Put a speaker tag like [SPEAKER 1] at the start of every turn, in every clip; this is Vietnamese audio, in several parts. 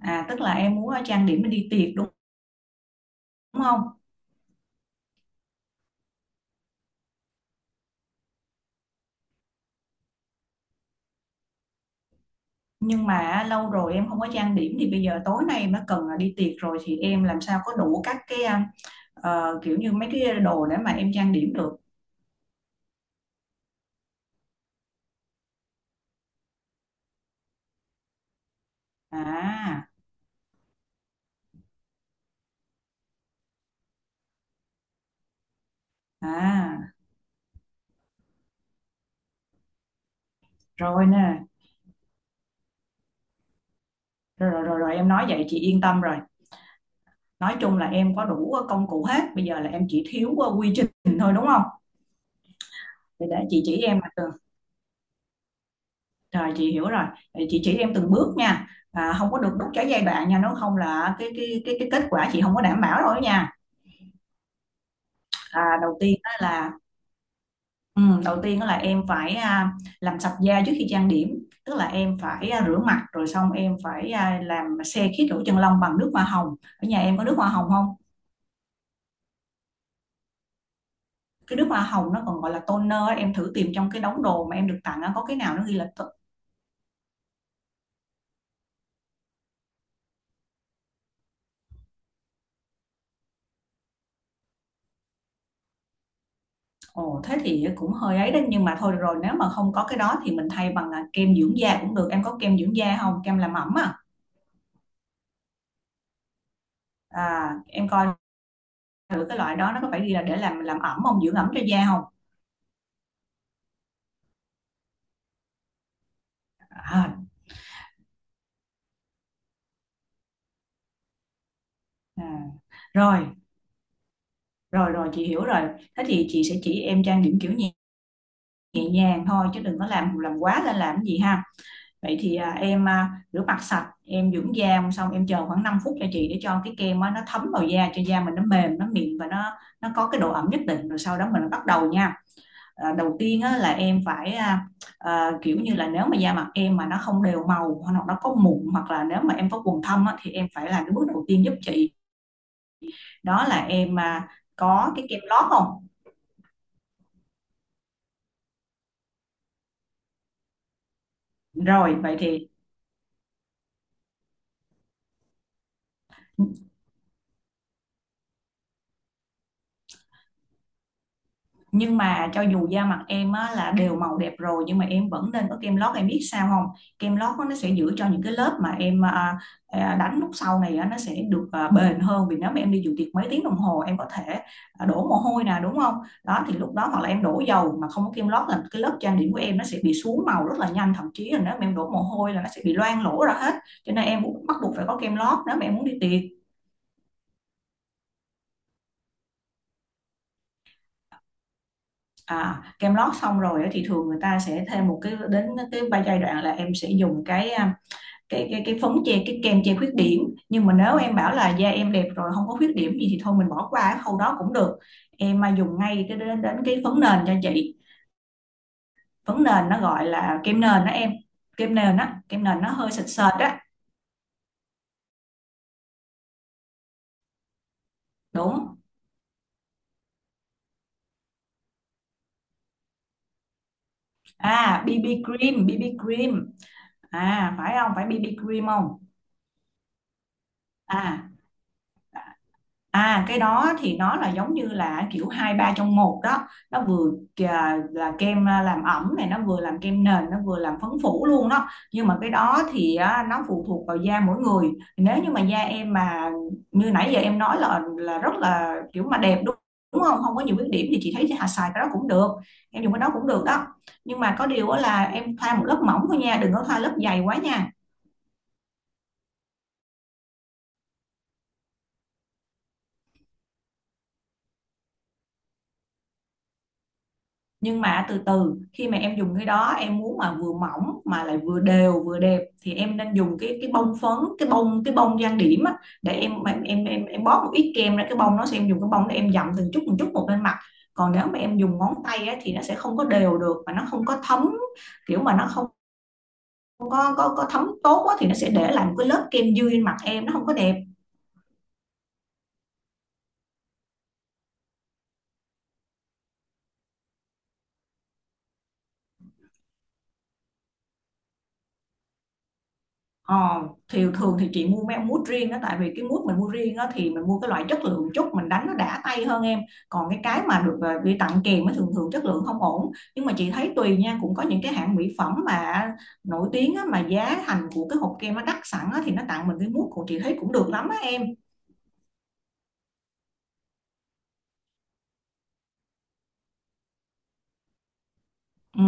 [SPEAKER 1] À tức là em muốn trang điểm để đi tiệc đúng không? Nhưng mà lâu rồi em không có trang điểm thì bây giờ tối nay em đã cần là đi tiệc rồi thì em làm sao có đủ các cái kiểu như mấy cái đồ để mà em trang điểm được. À à Rồi nè. Rồi, rồi rồi rồi, em nói vậy chị yên tâm rồi. Nói chung là em có đủ công cụ hết, bây giờ là em chỉ thiếu quy trình thôi đúng không? Thì để chị chỉ em mà. Rồi chị hiểu rồi. Vậy chị chỉ em từng bước nha. À, không có được đứt trái giai đoạn nha, nếu không là cái kết quả chị không có đảm bảo rồi nha. À, đầu tiên đó là, em phải làm sạch da trước khi trang điểm, tức là em phải rửa mặt rồi xong em phải làm se khít lỗ chân lông bằng nước hoa hồng. Ở nhà em có nước hoa hồng không? Cái nước hoa hồng nó còn gọi là toner á, em thử tìm trong cái đống đồ mà em được tặng á, có cái nào nó ghi là... Ồ, thế thì cũng hơi ấy đấy, nhưng mà thôi được rồi, nếu mà không có cái đó thì mình thay bằng kem dưỡng da cũng được. Em có kem dưỡng da không, kem làm ẩm em coi thử cái loại đó nó có phải đi là để làm ẩm không, dưỡng ẩm cho da không. à, à. Rồi rồi rồi, chị hiểu rồi. Thế thì chị sẽ chỉ em trang điểm kiểu nhẹ, nhẹ nhàng thôi, chứ đừng có làm quá lên làm cái gì ha. Vậy thì em rửa mặt sạch, em dưỡng da xong em chờ khoảng 5 phút cho chị, để cho cái kem á, nó thấm vào da cho da mình nó mềm, nó mịn và nó có cái độ ẩm nhất định rồi sau đó mình bắt đầu nha. À, đầu tiên á, là em phải kiểu như là nếu mà da mặt em mà nó không đều màu hoặc là nó có mụn hoặc là nếu mà em có quầng thâm á, thì em phải làm cái bước đầu tiên giúp chị. Đó là em, có cái kem lót không? Rồi vậy thì, nhưng mà cho dù da mặt em á, là đều màu đẹp rồi, nhưng mà em vẫn nên có kem lót, em biết sao không. Kem lót á, nó sẽ giữ cho những cái lớp mà em đánh lúc sau này á, nó sẽ được bền hơn, vì nếu mà em đi dự tiệc mấy tiếng đồng hồ em có thể đổ mồ hôi nè đúng không, đó thì lúc đó hoặc là em đổ dầu mà không có kem lót là cái lớp trang điểm của em nó sẽ bị xuống màu rất là nhanh, thậm chí là nếu mà em đổ mồ hôi là nó sẽ bị loang lỗ ra hết, cho nên em cũng bắt buộc phải có kem lót nếu mà em muốn đi tiệc. À, kem lót xong rồi á, thì thường người ta sẽ thêm một cái đến cái ba giai đoạn là em sẽ dùng cái phấn che, cái kem che khuyết điểm, nhưng mà nếu em bảo là da em đẹp rồi không có khuyết điểm gì thì thôi mình bỏ qua cái khâu đó cũng được, em mà dùng ngay cái đến đến cái phấn nền cho chị. Phấn nền nó gọi là kem nền đó em, kem nền á, kem nền nó hơi sệt sệt á. Đúng, à BB cream, BB cream à, phải không, phải BB cream không à. À cái đó thì nó là giống như là kiểu hai ba trong một đó, nó vừa là kem làm ẩm này, nó vừa làm kem nền, nó vừa làm phấn phủ luôn đó, nhưng mà cái đó thì á, nó phụ thuộc vào da mỗi người. Nếu như mà da em mà như nãy giờ em nói là rất là kiểu mà đẹp, đúng đúng không, không có nhiều khuyết điểm thì chị thấy chị hà xài cái đó cũng được, em dùng cái đó cũng được đó, nhưng mà có điều á là em thoa một lớp mỏng thôi nha, đừng có thoa lớp dày quá nha. Nhưng mà từ từ khi mà em dùng cái đó, em muốn mà vừa mỏng mà lại vừa đều vừa đẹp thì em nên dùng cái bông phấn, cái bông, cái bông trang điểm á, để em bóp một ít kem ra cái bông, nó sẽ em dùng cái bông để em dặm từng chút một lên mặt. Còn nếu mà em dùng ngón tay á, thì nó sẽ không có đều được và nó không có thấm, kiểu mà nó không có thấm tốt á, thì nó sẽ để lại một cái lớp kem dư trên mặt em, nó không có đẹp. Ờ, thì thường thì chị mua mấy ông mút riêng đó, tại vì cái mút mình mua riêng đó thì mình mua cái loại chất lượng chút, mình đánh nó đã tay hơn em. Còn cái mà được đi tặng kèm mới thường thường chất lượng không ổn, nhưng mà chị thấy tùy nha, cũng có những cái hãng mỹ phẩm mà nổi tiếng á, mà giá thành của cái hộp kem nó đắt sẵn á, thì nó tặng mình cái mút của chị thấy cũng được lắm á em. Ừ.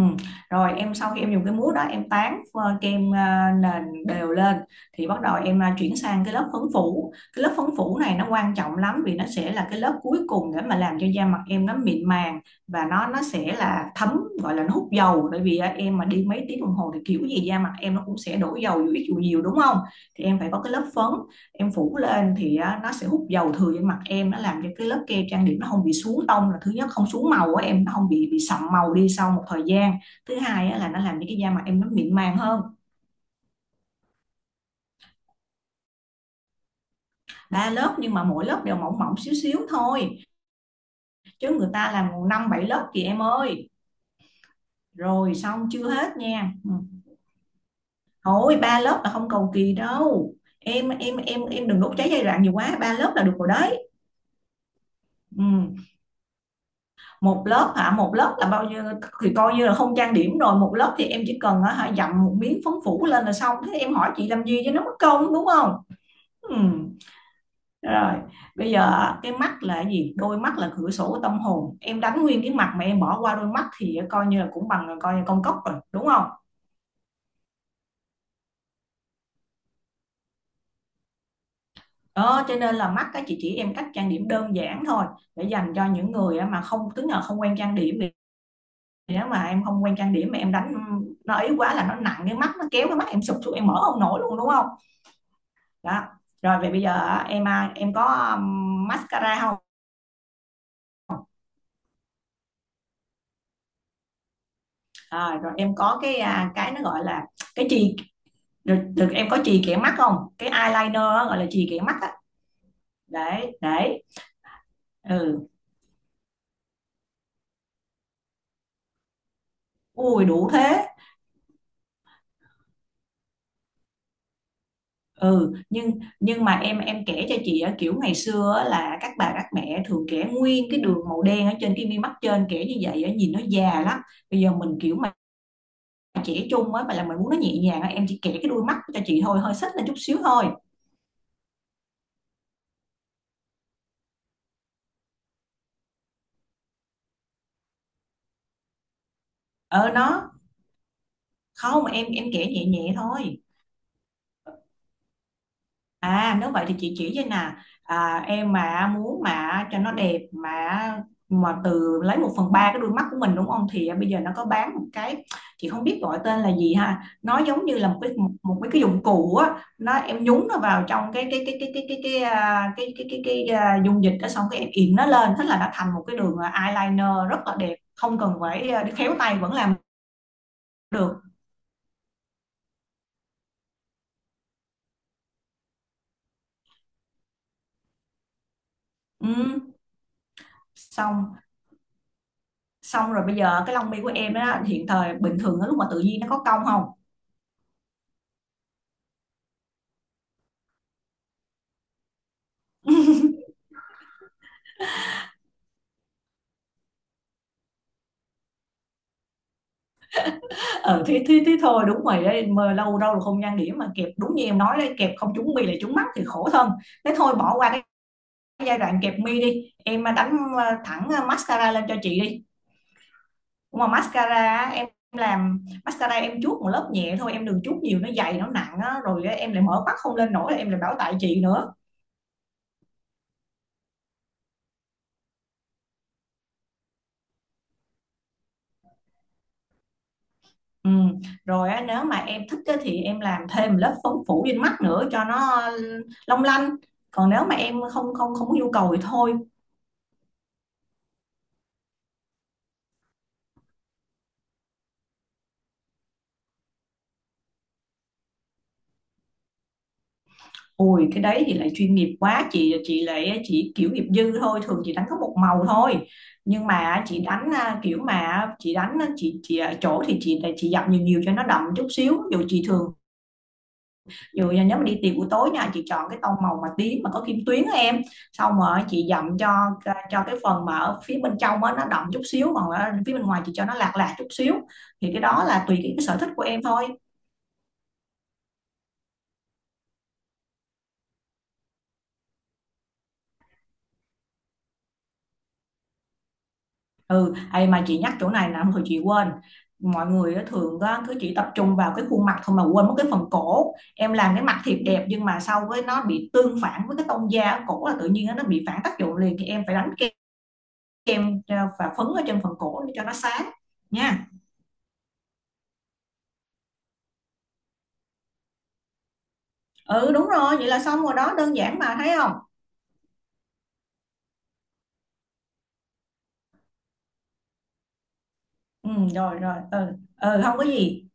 [SPEAKER 1] Rồi em sau khi em dùng cái mousse đó em tán kem nền đều lên, thì bắt đầu em chuyển sang cái lớp phấn phủ. Cái lớp phấn phủ này nó quan trọng lắm, vì nó sẽ là cái lớp cuối cùng để mà làm cho da mặt em nó mịn màng, và nó sẽ là thấm, gọi là nó hút dầu, bởi vì em mà đi mấy tiếng đồng hồ thì kiểu gì da mặt em nó cũng sẽ đổ dầu dù ít dù nhiều đúng không, thì em phải có cái lớp phấn em phủ lên thì á, nó sẽ hút dầu thừa trên mặt em, nó làm cho cái lớp kem trang điểm nó không bị xuống tông là thứ nhất, không xuống màu á em, nó không bị sậm màu đi sau một thời gian, thứ hai á, là nó làm cho cái da mặt em nó mịn màng hơn. Ba lớp nhưng mà mỗi lớp đều mỏng mỏng xíu xíu thôi, chứ người ta làm năm bảy lớp chị em ơi. Rồi xong chưa hết nha. Ừ. Thôi ba lớp là không cầu kỳ đâu em đừng đốt cháy giai đoạn nhiều quá, ba lớp là được rồi đấy. Ừ. Một lớp hả, một lớp là bao nhiêu, thì coi như là không trang điểm rồi, một lớp thì em chỉ cần á, hả, dặm một miếng phấn phủ lên là xong, thế em hỏi chị làm gì cho nó mất công đúng không. Ừ. Rồi bây giờ cái mắt là cái gì, đôi mắt là cửa sổ của tâm hồn, em đánh nguyên cái mặt mà em bỏ qua đôi mắt thì coi như là cũng bằng coi như con cốc rồi đúng không. Đó cho nên là mắt các chị chỉ em cách trang điểm đơn giản thôi, để dành cho những người mà không, tức là không quen trang điểm. Nếu mà em không quen trang điểm mà em đánh nó ấy quá là nó nặng cái mắt, nó kéo cái mắt em sụp xuống em mở không nổi luôn đúng không, đó. Rồi vậy bây giờ em, em có mascara không? Rồi em có cái, cái nó gọi là cái chì, được, được, em có chì kẻ mắt không, cái eyeliner á, gọi là chì kẻ mắt á. Để, ừ, ui đủ thế. Ừ nhưng mà em kể cho chị á, kiểu ngày xưa á, là các bà các mẹ thường kẻ nguyên cái đường màu đen ở trên cái mi mắt trên, kẻ như vậy á nhìn nó già lắm. Bây giờ mình kiểu chỉ chung á, mà là mình muốn nó nhẹ nhàng á, em chỉ kẻ cái đuôi mắt cho chị thôi, hơi xích lên chút xíu thôi. Ờ nó không, em em kẻ nhẹ nhẹ thôi. À nếu vậy thì chị chỉ cho nè, em mà muốn mà cho nó đẹp mà từ lấy một phần ba cái đuôi mắt của mình đúng không, thì bây giờ nó có bán một cái, chị không biết gọi tên là gì ha, nó giống như là một cái, một cái dụng cụ á, nó em nhúng nó vào trong cái dung dịch đó, xong cái em in nó lên thế là nó thành một cái đường, eyeliner rất là đẹp, không cần phải đi khéo tay vẫn làm được. ừ, Xong, xong rồi bây giờ cái lông mi của em á, hiện thời bình thường á, lúc mà tự nhiên nó có cong không. Ờ Thế thế thế thôi, đúng rồi đấy, mà lâu đâu là không gian điểm mà kẹp, đúng như em nói đấy, kẹp không trúng mi là trúng mắt thì khổ thân. Thế thôi bỏ qua cái giai đoạn kẹp mi đi em, đánh thẳng, mascara lên cho chị đi. Mà mascara á em, làm mascara em chuốt một lớp nhẹ thôi, em đừng chuốt nhiều nó dày nó nặng á, rồi á, em lại mở mắt không lên nổi em lại bảo tại chị nữa. Ừm. Rồi á, nếu mà em thích á, thì em làm thêm lớp phấn phủ trên mắt nữa cho nó long lanh. Còn nếu mà em không không không có nhu cầu thì thôi. Ui cái đấy thì lại chuyên nghiệp quá, chị lại chỉ kiểu nghiệp dư thôi, thường chị đánh có một màu thôi. Nhưng mà chị đánh kiểu mà chị đánh á, chị ở chỗ thì chị dập nhiều nhiều cho nó đậm chút xíu. Dù chị thường, dù là nếu mà đi tiệc buổi tối nha, chị chọn cái tông màu mà tím mà có kim tuyến á em, xong rồi chị dặm cho cái phần mà ở phía bên trong á nó đậm chút xíu, còn ở phía bên ngoài chị cho nó lạc lạc chút xíu, thì cái đó là tùy cái sở thích của em thôi. Ừ, ai mà chị nhắc chỗ này là thôi chị quên, mọi người á, thường á, cứ chỉ tập trung vào cái khuôn mặt thôi mà quên mất cái phần cổ, em làm cái mặt thiệt đẹp nhưng mà sau với nó bị tương phản với cái tông da ở cổ là tự nhiên á nó bị phản tác dụng liền, thì em phải đánh kem, kem và phấn ở trên phần cổ để cho nó sáng nha. Ừ đúng rồi, vậy là xong rồi đó, đơn giản mà thấy không. Ừ rồi rồi, ừ, ừ không có gì.